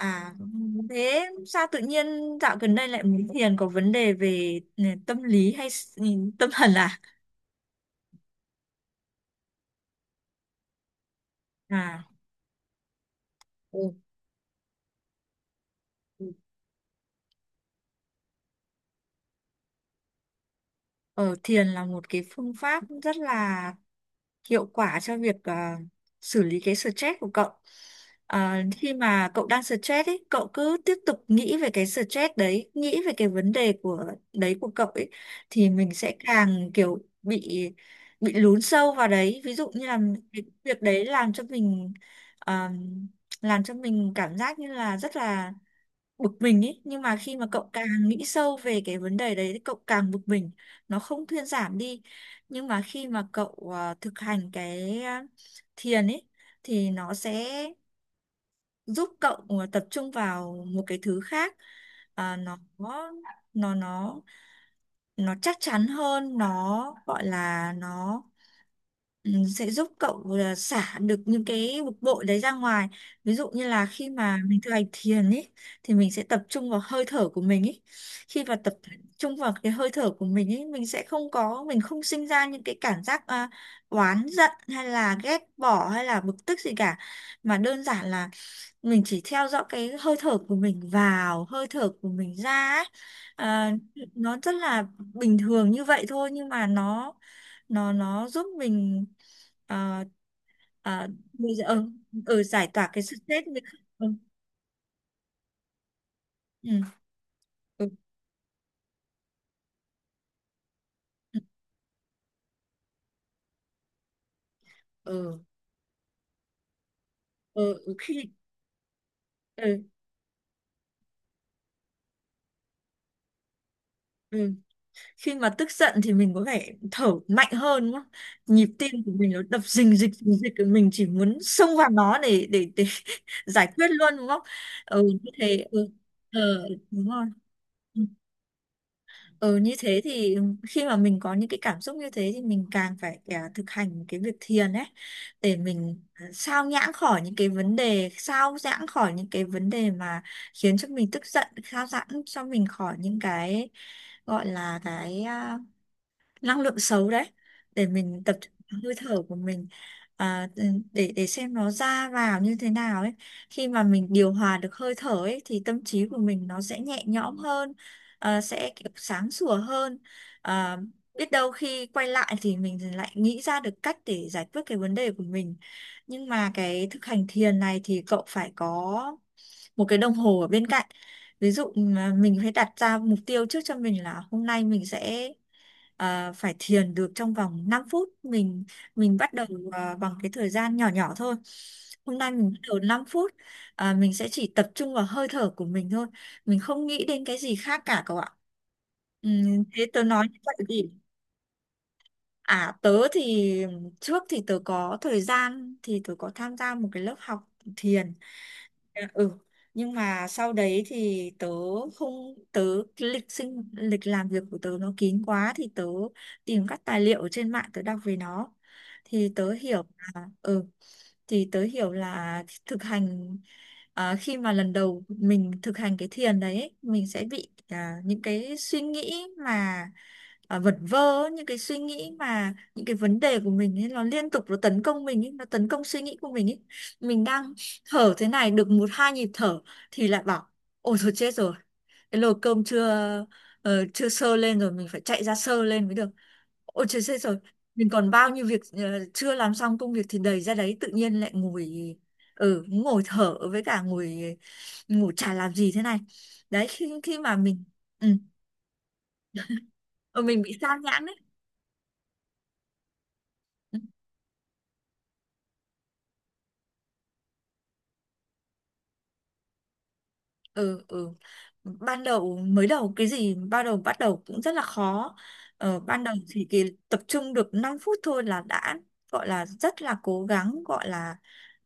À, thế sao tự nhiên dạo gần đây lại muốn thiền, có vấn đề về tâm lý hay tâm thần à? À, ừ. Ừ. Ờ, thiền là một cái phương pháp rất là hiệu quả cho việc xử lý cái stress của cậu. À, khi mà cậu đang stress ấy, cậu cứ tiếp tục nghĩ về cái stress đấy, nghĩ về cái vấn đề của đấy của cậu ấy, thì mình sẽ càng kiểu bị lún sâu vào đấy. Ví dụ như là cái việc đấy à, làm cho mình cảm giác như là rất là bực mình ấy, nhưng mà khi mà cậu càng nghĩ sâu về cái vấn đề đấy thì cậu càng bực mình, nó không thuyên giảm đi. Nhưng mà khi mà thực hành thiền ấy thì nó sẽ giúp tập trung vào một cái thứ nó nó nó nó chắc chắn hơn, nó gọi là ừ, sẽ giúp cậu là xả được những cái bực bội đấy ra ngoài. Ví dụ như là khi mà mình thực hành thiền ấy thì mình sẽ tập trung vào hơi thở của mình ấy, khi mà tập trung vào cái hơi thở của mình ấy, mình sẽ không có mình không sinh ra những cái cảm oán giận hay là ghét bỏ hay là bực tức gì cả, mà đơn giản là mình chỉ theo dõi cái hơi thở của mình vào, hơi thở của mình ra ấy. À, nó rất là bình thường như vậy thôi, nhưng mà nó giúp mình ờ, ờ, bây giờ giải tỏa cái stress mình. Ừ, ừ, ừ, ừ, ừ, ừ, ừ, khi ừ, ừ. Khi mà tức giận thì mình có vẻ thở mạnh hơn đúng không? Nhịp tim của mình nó đập rình rịch rình rịch, mình chỉ muốn xông vào nó để giải quyết luôn đúng không. Ừ, như thế, ừ, ờ, đúng rồi. Ừ. Ừ, như thế thì, ừ, khi mà mình có những cái cảm xúc như thế thì mình càng thực hành cái việc thiền ấy, để sao nhãng khỏi những cái vấn đề, sao giãng khỏi những cái vấn đề mà khiến cho mình tức giận, sao giãng cho mình khỏi những cái gọi là cái năng lượng xấu đấy, để mình tập trung vào hơi thở của à, ừ, để xem nó ra vào như thế nào ấy. Khi mà mình điều hòa được hơi thở ấy thì tâm trí của mình nó sẽ nhẹ nhõm sẽ kiểu sáng sủa à, biết đâu khi quay lại thì mình lại nghĩ ra được cách để giải quyết cái vấn đề của mình. Nhưng mà cái thực hành thiền này thì cậu phải có một cái đồng hồ ở bên cạnh, ví dụ mà mình phải đặt ra mục tiêu trước cho mình là hôm nay mình phải thiền được trong vòng 5 phút. Mình bắt bằng cái thời gian nhỏ nhỏ thôi, hôm nay mình bắt đầu 5 mình sẽ chỉ tập trung vào hơi thở của mình thôi, mình không nghĩ đến cái gì khác cả cậu ạ. Ừ, thế tớ nói như vậy thì. À, tớ thì trước thì tớ có thời gian thì tớ có tham gia một cái lớp học thiền. À. Ừ, nhưng mà sau đấy thì tớ không tớ cái lịch làm việc của tớ nó kín quá, thì tớ tìm các tài liệu ở trên mạng tớ đọc về nó. Thì tớ hiểu là ừ là thực khi mà lần đầu mình thực hành cái thiền đấy, mình sẽ những cái suy nghĩ vật vơ ấy, những cái suy nghĩ mà những cái vấn đề của mình ấy, nó liên tục nó tấn công mình ấy, nó tấn công suy nghĩ của mình ấy. Mình đang thở thế này được một hai nhịp thở thì lại bảo, ôi thôi chết rồi, cái nồi cơm chưa sơ lên rồi, mình phải chạy ra sơ lên mới được. Ôi trời ơi, rồi mình còn bao nhiêu chưa làm xong, công việc thì đầy ra đấy, tự nhiên lại ngồi thở, với cả ngồi ngồi chả làm gì thế này. Đấy, khi khi mà ừ, ờ, mình bị sao nhãng đấy. Ừ, ừ, ban đầu mới đầu cái gì ban đầu bắt đầu cũng rất là khó. Ban đầu thì cái tập trung được 5 phút thôi là đã gọi là rất là cố gắng, gọi là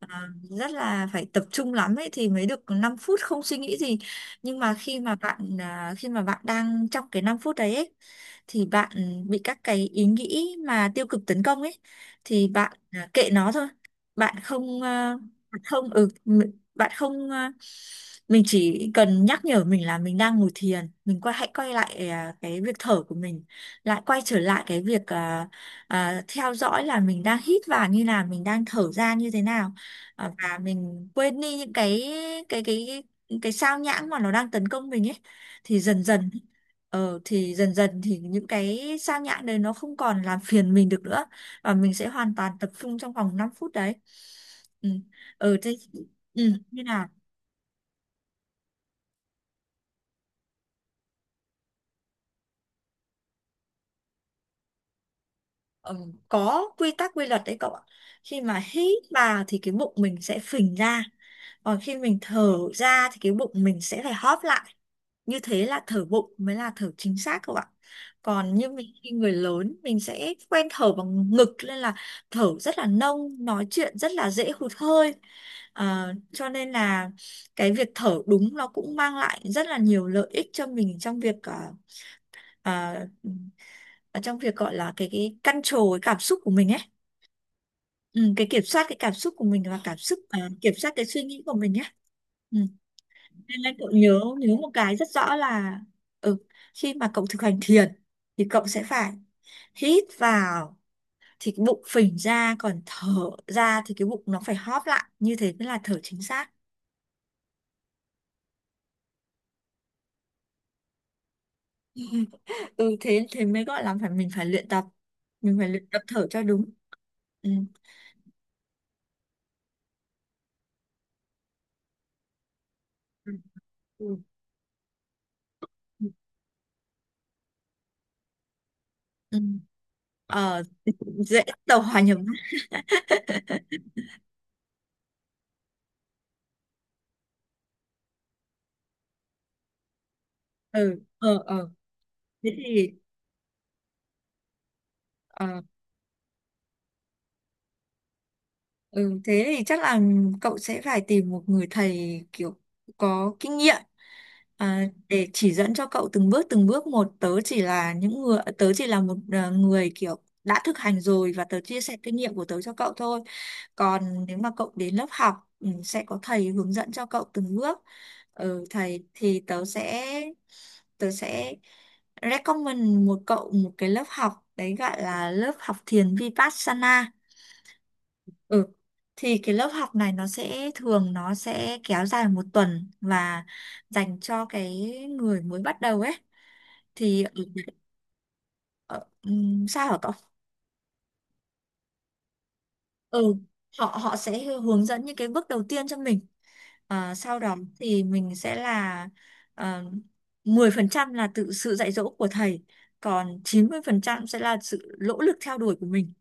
à, rất là phải tập trung lắm ấy thì mới được 5 phút không suy nghĩ gì. Nhưng mà khi mà khi mà bạn đang trong cái 5 phút đấy ấy, thì bạn bị các cái ý nghĩ mà tiêu cực tấn công ấy, thì kệ nó thôi. Bạn không à, bạn không ừ bạn không ờ, mình chỉ cần nhắc nhở mình là mình đang ngồi thiền, mình hãy quay cái việc thở của mình, lại quay trở lại cái việc theo dõi là mình đang hít vào như nào, mình đang thở ra như thế nào. Ờ, và mình quên đi những cái cái cái sao nhãng mà nó đang tấn công mình ấy, thì dần dần ờ thì dần dần thì những cái sao nhãng đấy nó không còn làm phiền mình được nữa, và mình sẽ hoàn toàn tập trung trong vòng 5 phút đấy. Ừ. Ừ thế. Ừ, như là, có quy tắc quy luật đấy cậu ạ. Khi mà hít vào thì cái bụng mình sẽ phình ra, còn khi mình thở ra thì cái bụng mình sẽ phải hóp lại. Như thế là thở bụng mới là thở chính xác cậu ạ. Còn như mình khi người lớn mình sẽ quen thở bằng ngực, nên là thở rất là nông, nói chuyện rất là dễ hụt hơi. À, cho nên là cái việc thở đúng nó cũng mang lại rất là nhiều lợi ích cho mình trong à, ở trong việc gọi là cái control cái cảm xúc của mình ấy, ừ, cái kiểm soát cái cảm xúc của mình, và kiểm soát cái suy nghĩ của mình nhé. Ừ. Nên là cậu nhớ nhớ một cái rất rõ là, ừ, khi mà cậu thực hành thiền thì cậu sẽ phải hít vào thì cái bụng phình ra, còn thở ra thì cái bụng nó phải hóp lại, như thế mới là thở chính xác. Ừ, thế, thế mới gọi là phải, mình phải luyện tập thở cho đúng. Ừ. Ừ. Ừ. Ừ. Ờ, dễ tàu hòa nhập á. Ừ, thế thì, ờ, Ừ, thế thì chắc là cậu sẽ phải tìm một người thầy kiểu có kinh à, để chỉ dẫn cho cậu từng bước một. Tớ chỉ là người kiểu đã thực hành rồi, và tớ chia sẻ kinh nghiệm của tớ cho cậu thôi. Còn nếu mà cậu đến lớp sẽ có thầy hướng dẫn cho cậu từng bước. Ừ, thầy thì tớ sẽ recommend một cái lớp học đấy, gọi là lớp học thiền Vipassana. Ừ. Thì cái lớp học này nó sẽ kéo dài một tuần, và dành cho cái người mới bắt đầu ấy, thì sao hả cậu? Ừ, họ họ sẽ hướng dẫn những cái bước đầu tiên cho mình. Ờ, sau đó thì mình sẽ ờ, 10% là tự sự dạy dỗ của thầy, còn 90% sẽ là sự nỗ lực theo đuổi của mình.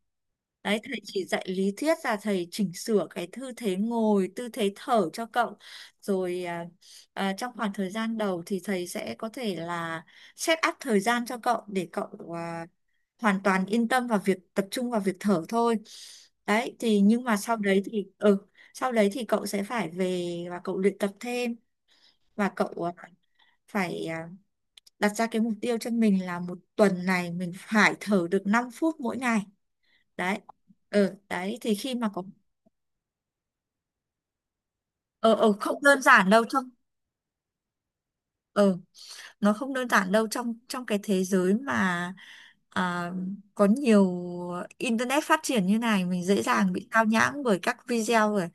Đấy, thầy chỉ dạy lý thuyết, là thầy chỉnh sửa cái tư thế ngồi, tư thế thở cho cậu. Rồi, trong khoảng thời gian đầu thì thầy sẽ có thể là set up thời gian cho cậu để hoàn toàn yên tâm vào việc tập trung vào việc thở thôi. Đấy, thì nhưng mà sau đấy thì cậu sẽ phải về và cậu luyện tập thêm, và phải đặt ra cái mục tiêu cho mình là một tuần này mình phải thở được 5 phút mỗi ngày. Đấy. Ừ, đấy thì khi mà có ờ ờ không đơn giản đâu trong, ờ nó không đơn giản đâu trong trong cái thế giới mà, à, có nhiều internet phát triển như này, mình dễ dàng bị sao nhãng bởi các video rồi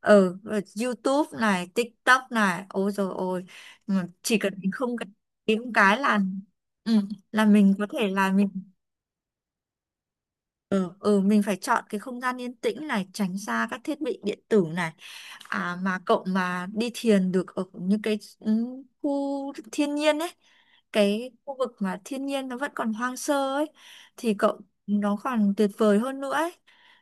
ở YouTube này, TikTok này, ôi rồi ôi, chỉ cần mình không cần kiếm cái là ừ, là mình có thể là mình. Ừ, ừ, mình phải chọn cái không gian yên tĩnh này, tránh xa các thiết bị điện tử này. À, mà cậu mà đi thiền được ở những khu thiên nhiên ấy, cái khu vực mà thiên nhiên nó vẫn còn hoang sơ ấy, thì cậu nó còn tuyệt vời hơn nữa ấy.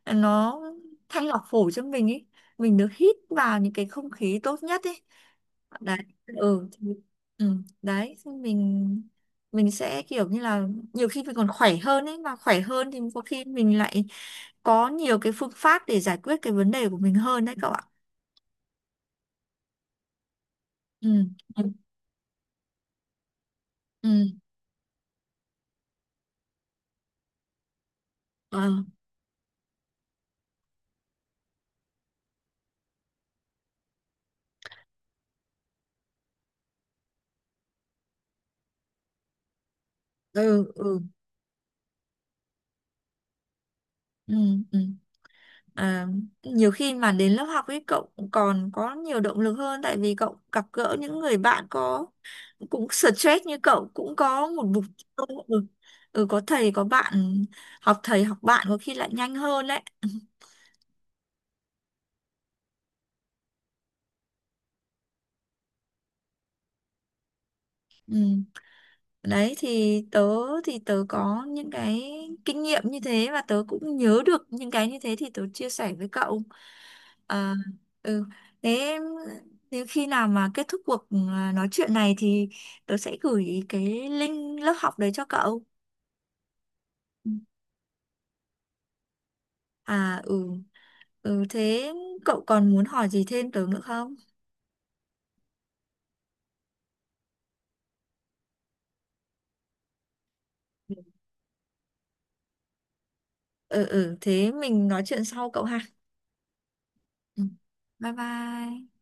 Nó thanh lọc phổi cho mình ấy, mình được hít vào những cái không khí tốt nhất ấy. Đấy, ừ, ừ, đấy mình sẽ kiểu như là nhiều khi mình còn khỏe hơn ấy, mà khỏe hơn thì có khi mình lại có nhiều cái phương pháp để giải quyết cái vấn đề của mình hơn, đấy cậu ạ. Ừ, ừ, ừ. Ờ, ừ, ừ, ừ, ừ. À, nhiều khi mà đến lớp học ấy cậu còn có nhiều động lực hơn, tại vì cậu gặp gỡ những người bạn có cũng stress như cậu, cũng có một mục tiêu, ừ, ừ, có thầy có bạn, học thầy học bạn có khi lại nhanh hơn đấy. Ừ. Đấy thì tớ có những cái kinh nghiệm như thế, và tớ cũng nhớ được những cái như thế, thì tớ chia sẻ với cậu. À, ừ. Thế nếu khi nào mà kết thúc nói chuyện này thì tớ sẽ gửi cái link lớp học đấy cho cậu. Ừ. À, ừ, ừ thế cậu còn muốn hỏi gì thêm tớ nữa không? Ừ, ừ, thế mình nói chuyện sau cậu ha. Ừ. Bye bye.